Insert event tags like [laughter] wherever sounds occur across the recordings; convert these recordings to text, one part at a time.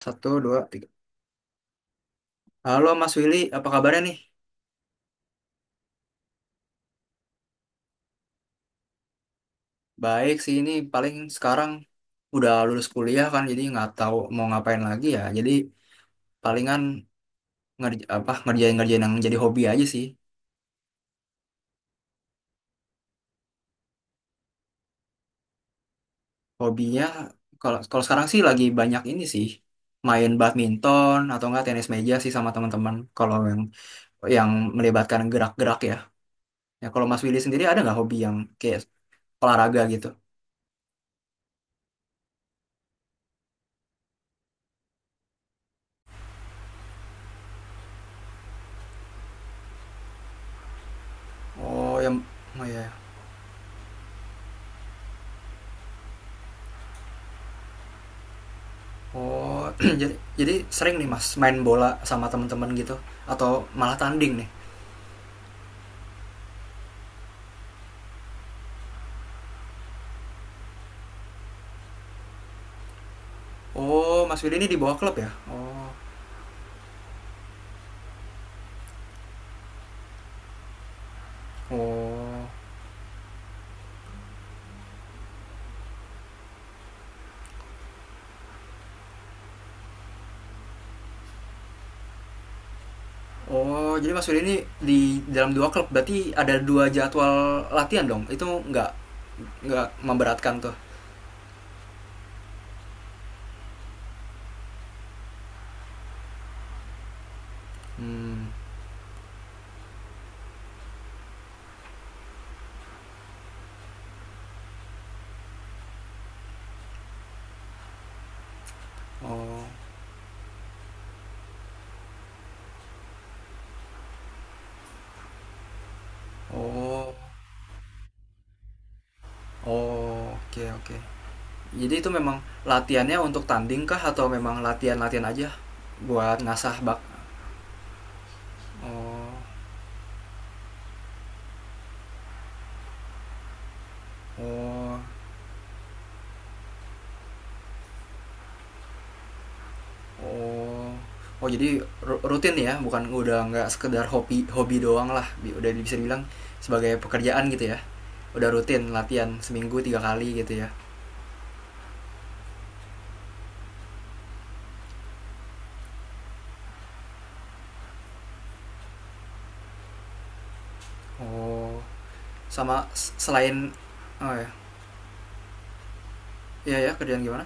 Satu, dua, tiga. Halo Mas Willy, apa kabarnya nih? Baik sih, ini paling sekarang udah lulus kuliah kan, jadi nggak tahu mau ngapain lagi ya. Jadi palingan ngerjain ngerjain yang jadi hobi aja sih. Hobinya kalau kalau sekarang sih lagi banyak ini sih, main badminton atau enggak tenis meja sih sama teman-teman. Kalau yang melibatkan gerak-gerak ya. Ya kalau Mas Willy sendiri ada nggak hobi yang kayak olahraga gitu? Oh, yang, oh ya. Oh, [clears throat] jadi sering nih Mas main bola sama teman-teman gitu atau malah tanding nih. Oh, Mas Willy ini di bawah klub ya? Oh. Oh. Oh, jadi Mas Willy ini di dalam dua klub berarti ada dua jadwal latihan dong. Itu nggak memberatkan tuh. Hmm. Oh. Oh. Oh, oke, oke. Jadi itu memang latihannya untuk tanding kah atau memang latihan-latihan aja buat ngasah bak? Oh. Oh, oh, oh, jadi rutin ya, bukan udah nggak sekedar hobi hobi doang lah, udah bisa dibilang sebagai pekerjaan gitu ya, udah rutin latihan seminggu 3 kali gitu ya. Oh, sama selain, oh ya, iya ya, kerjaan gimana?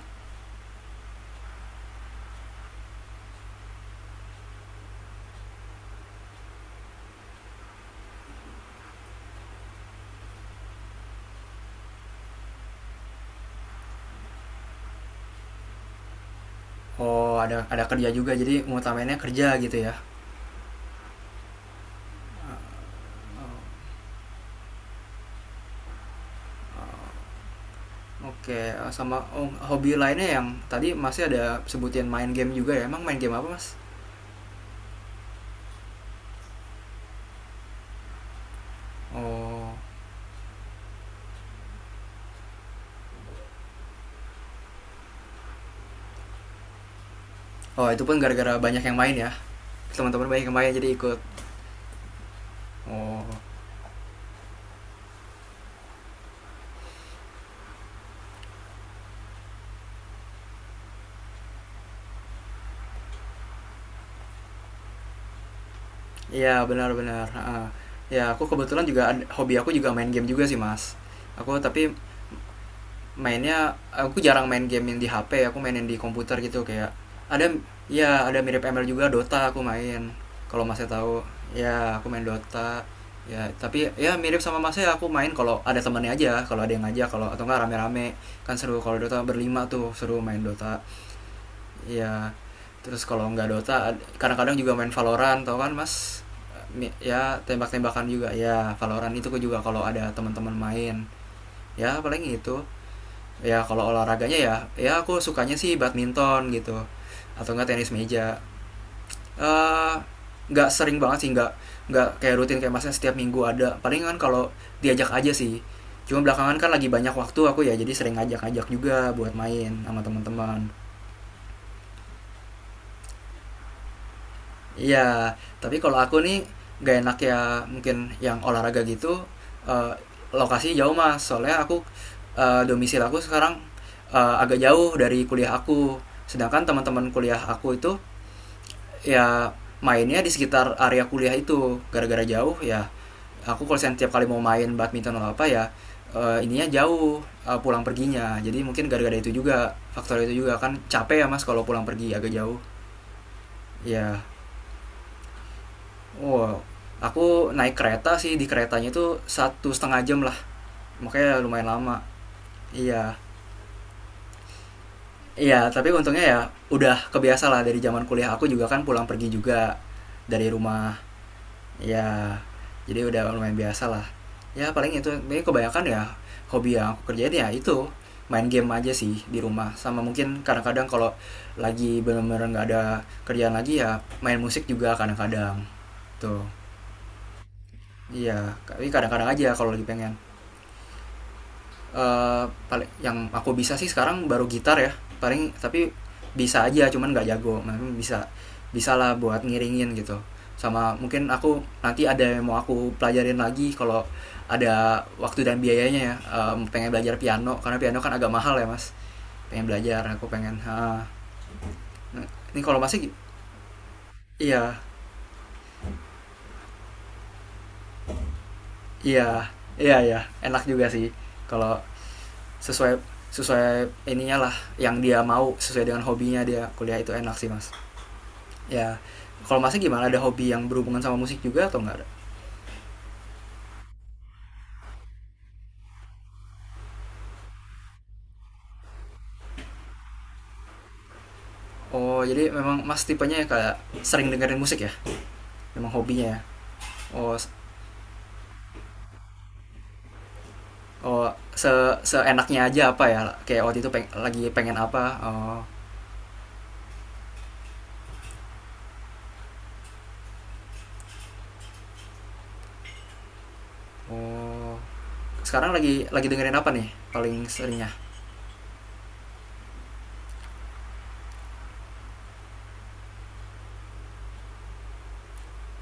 Oh, ada kerja juga, jadi mengutamainnya kerja gitu ya. Oke, sama oh, hobi lainnya yang tadi masih ada sebutin main game juga ya, emang main game apa mas? Oh, oh, itu pun gara-gara banyak yang main ya, teman-teman banyak yang main jadi ikut. Oh, iya benar-benar. Heeh. Ya aku kebetulan juga hobi aku juga main game juga sih mas. Aku tapi mainnya aku jarang main game yang di HP. Aku mainin di komputer gitu kayak ada, ya, ada mirip ML juga Dota aku main. Kalau masnya tahu ya aku main Dota. Ya tapi ya mirip sama masnya aku main kalau ada temannya aja. Kalau ada yang ngajak kalau atau enggak rame-rame kan seru kalau Dota berlima tuh seru main Dota. Iya. Terus kalau nggak Dota, kadang-kadang juga main Valorant, tau kan Mas? Ya tembak-tembakan juga. Ya Valorant itu aku juga kalau ada teman-teman main. Ya paling itu. Ya kalau olahraganya ya, ya aku sukanya sih badminton gitu, atau enggak tenis meja. Eh nggak sering banget sih, nggak kayak rutin kayak masnya setiap minggu ada. Paling kan kalau diajak aja sih. Cuma belakangan kan lagi banyak waktu aku ya, jadi sering ngajak-ngajak juga buat main sama teman-teman. Iya, tapi kalau aku nih gak enak ya mungkin yang olahraga gitu, eh, lokasi jauh mas. Soalnya aku, domisil aku sekarang, agak jauh dari kuliah aku. Sedangkan teman-teman kuliah aku itu ya mainnya di sekitar area kuliah itu. Gara-gara jauh ya aku kalau setiap kali mau main badminton atau apa ya, ininya jauh, pulang perginya. Jadi mungkin gara-gara itu juga faktor itu juga kan capek ya mas kalau pulang pergi agak jauh. Ya, wow, aku naik kereta sih di keretanya itu 1,5 jam lah, makanya lumayan lama. Iya, iya. Tapi untungnya ya udah kebiasa lah dari zaman kuliah aku juga kan pulang pergi juga dari rumah. Ya, jadi udah lumayan biasa lah. Ya paling itu, ini kebanyakan ya hobi yang aku kerjain ya itu main game aja sih di rumah sama mungkin kadang-kadang kalau lagi bener-bener nggak ada kerjaan lagi ya main musik juga kadang-kadang tuh, iya tapi kadang-kadang aja kalau lagi pengen. Eh, paling yang aku bisa sih sekarang baru gitar ya paling, tapi bisa aja cuman nggak jago, memang bisa bisa lah buat ngiringin gitu, sama mungkin aku nanti ada yang mau aku pelajarin lagi kalau ada waktu dan biayanya ya. Pengen belajar piano karena piano kan agak mahal ya mas, pengen belajar, aku pengen ha ini kalau masih, iya, iya, iya, iya, enak juga sih kalau sesuai sesuai ininya lah yang dia mau, sesuai dengan hobinya dia kuliah itu enak sih mas. Ya kalau masih gimana ada hobi yang berhubungan sama musik juga atau nggak ada. Oh, jadi memang mas tipenya ya kayak sering dengerin musik ya, memang hobinya ya. Oh, oh, seenaknya aja apa ya, kayak waktu itu lagi pengen apa. Oh, oh, sekarang lagi dengerin apa nih paling seringnya?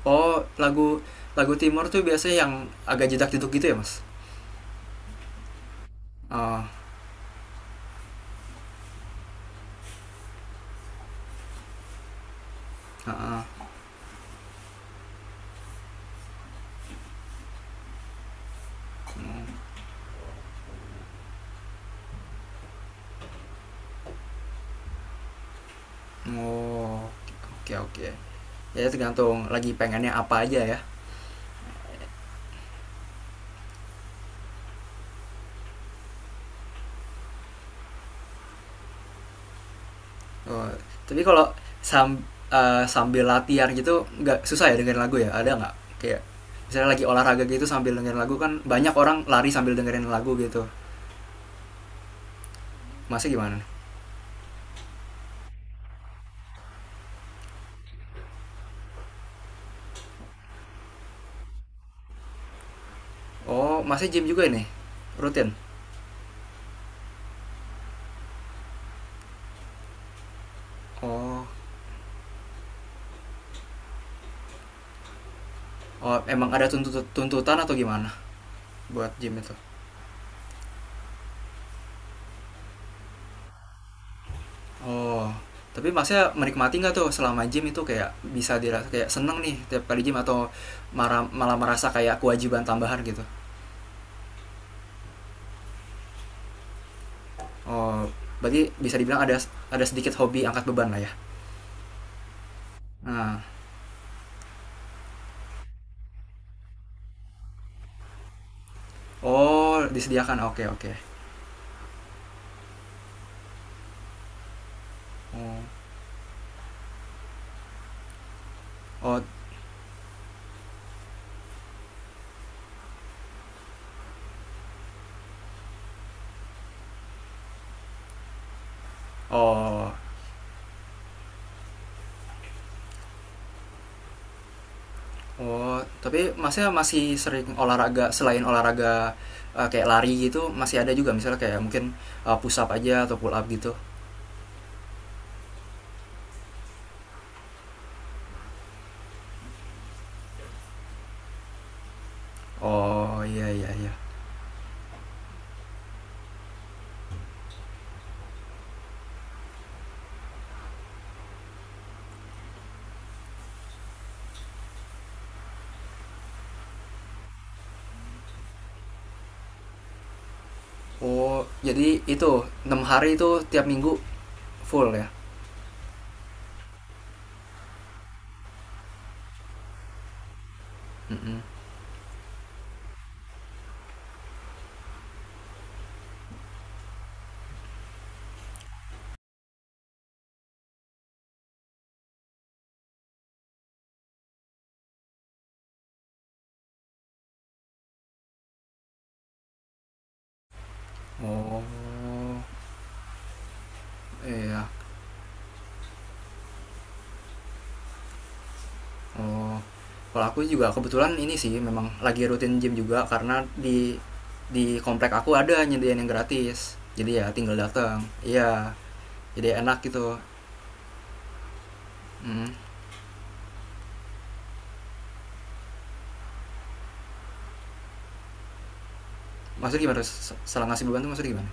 Oh, lagu lagu timur tuh biasanya yang agak jedak jeduk gitu ya mas. Oh, heeh. Oh, oke, oke, ya tergantung lagi pengennya apa aja ya. Oh, tapi kalau sam, sambil latihan gitu nggak susah ya dengerin lagu ya? Ada nggak? Kayak misalnya lagi olahraga gitu sambil dengerin lagu, kan banyak orang lari sambil dengerin lagu gitu. Masih gimana? Oh, masih gym juga ini? Rutin? Oh, oh, emang ada tuntutan atau gimana buat gym itu? Oh, tapi masnya menikmati nggak tuh selama gym itu kayak bisa dirasa kayak seneng nih tiap kali gym atau marah, malah merasa kayak kewajiban tambahan gitu? Oh, berarti bisa dibilang ada sedikit hobi angkat beban lah ya. Nah, oh, disediakan. Oke, oke. Oh, oh, oh, oh. Tapi masnya masih sering olahraga selain olahraga, kayak lari gitu, masih ada juga misalnya kayak mungkin, push up aja atau pull up gitu. Oh, iya, iya, iya. Oh, jadi itu 6 hari itu tiap minggu full ya. Mm-mm. Oh, iya. Oh, kalau aku juga kebetulan ini sih memang lagi rutin gym juga karena di komplek aku ada nyediain yang gratis. Jadi ya tinggal datang. Iya, jadi enak gitu. Hmm. Maksudnya gimana? Salah ngasih beban tuh maksudnya gimana?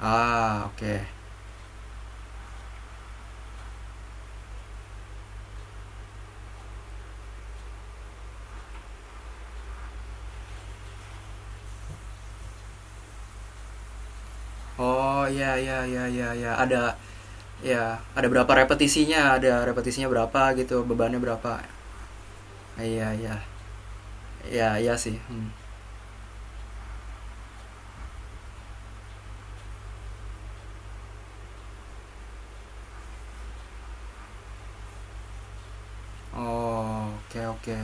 Ah, oke. Oh, iya, iya, iya, iya, iya ada ya, ada berapa repetisinya? Ada repetisinya berapa gitu, bebannya berapa? Iya, iya. Iya, iya sih. Hmm. Oh, oke, oke.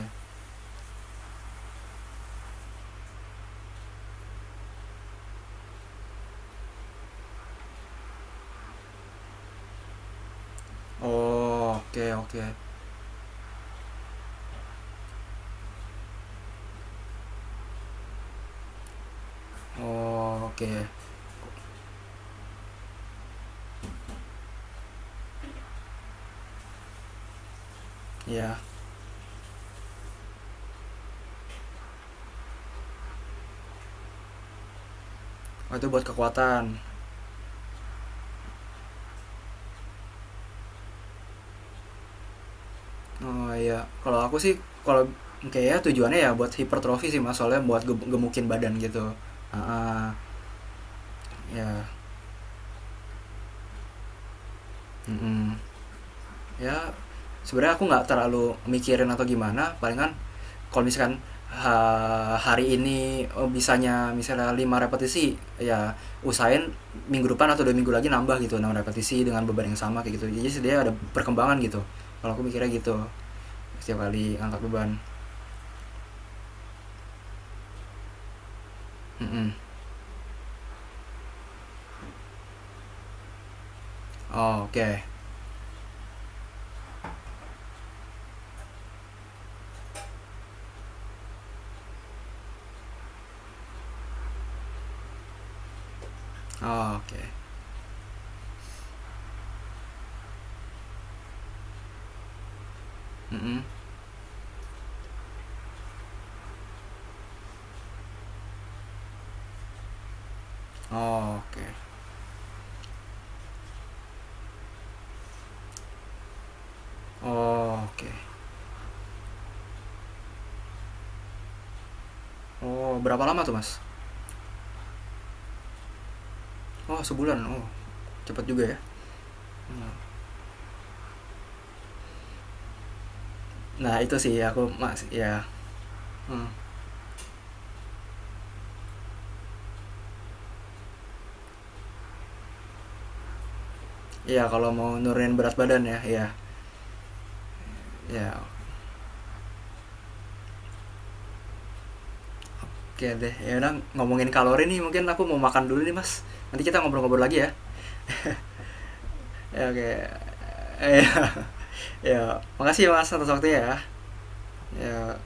Oh, oke, oke. Oh, oke. Iya. Oh, itu buat kekuatan. Oh iya, kalau aku sih kalau kayaknya tujuannya ya buat hipertrofi sih Mas, soalnya buat gemukin badan gitu. Ah, ya. Mm-mm. Ya sebenarnya aku nggak terlalu mikirin atau gimana, palingan kalau misalkan hari ini, oh, bisanya misalnya 5 repetisi ya, usahain minggu depan atau 2 minggu lagi nambah gitu 6 repetisi dengan beban yang sama kayak gitu, jadi sebenarnya ada perkembangan gitu, kalau aku mikirnya gitu setiap kali angkat beban. Mm-mm. Oh, oke, okay. Oh, oke. Mm-mm. Oh, oke. Oh, oke. Oh, berapa lama tuh, Mas? Oh, sebulan. Oh, cepet juga ya. Hmm. Nah, itu sih aku Mas ya. Hmm. Iya, kalau mau nurunin berat badan ya, ya. Ya, oke deh. Ya udah ngomongin kalori nih, mungkin aku mau makan dulu nih, Mas. Nanti kita ngobrol-ngobrol lagi ya. Ya, oke. [laughs] Ya, ya, makasih ya, Mas atas waktunya ya. Ya,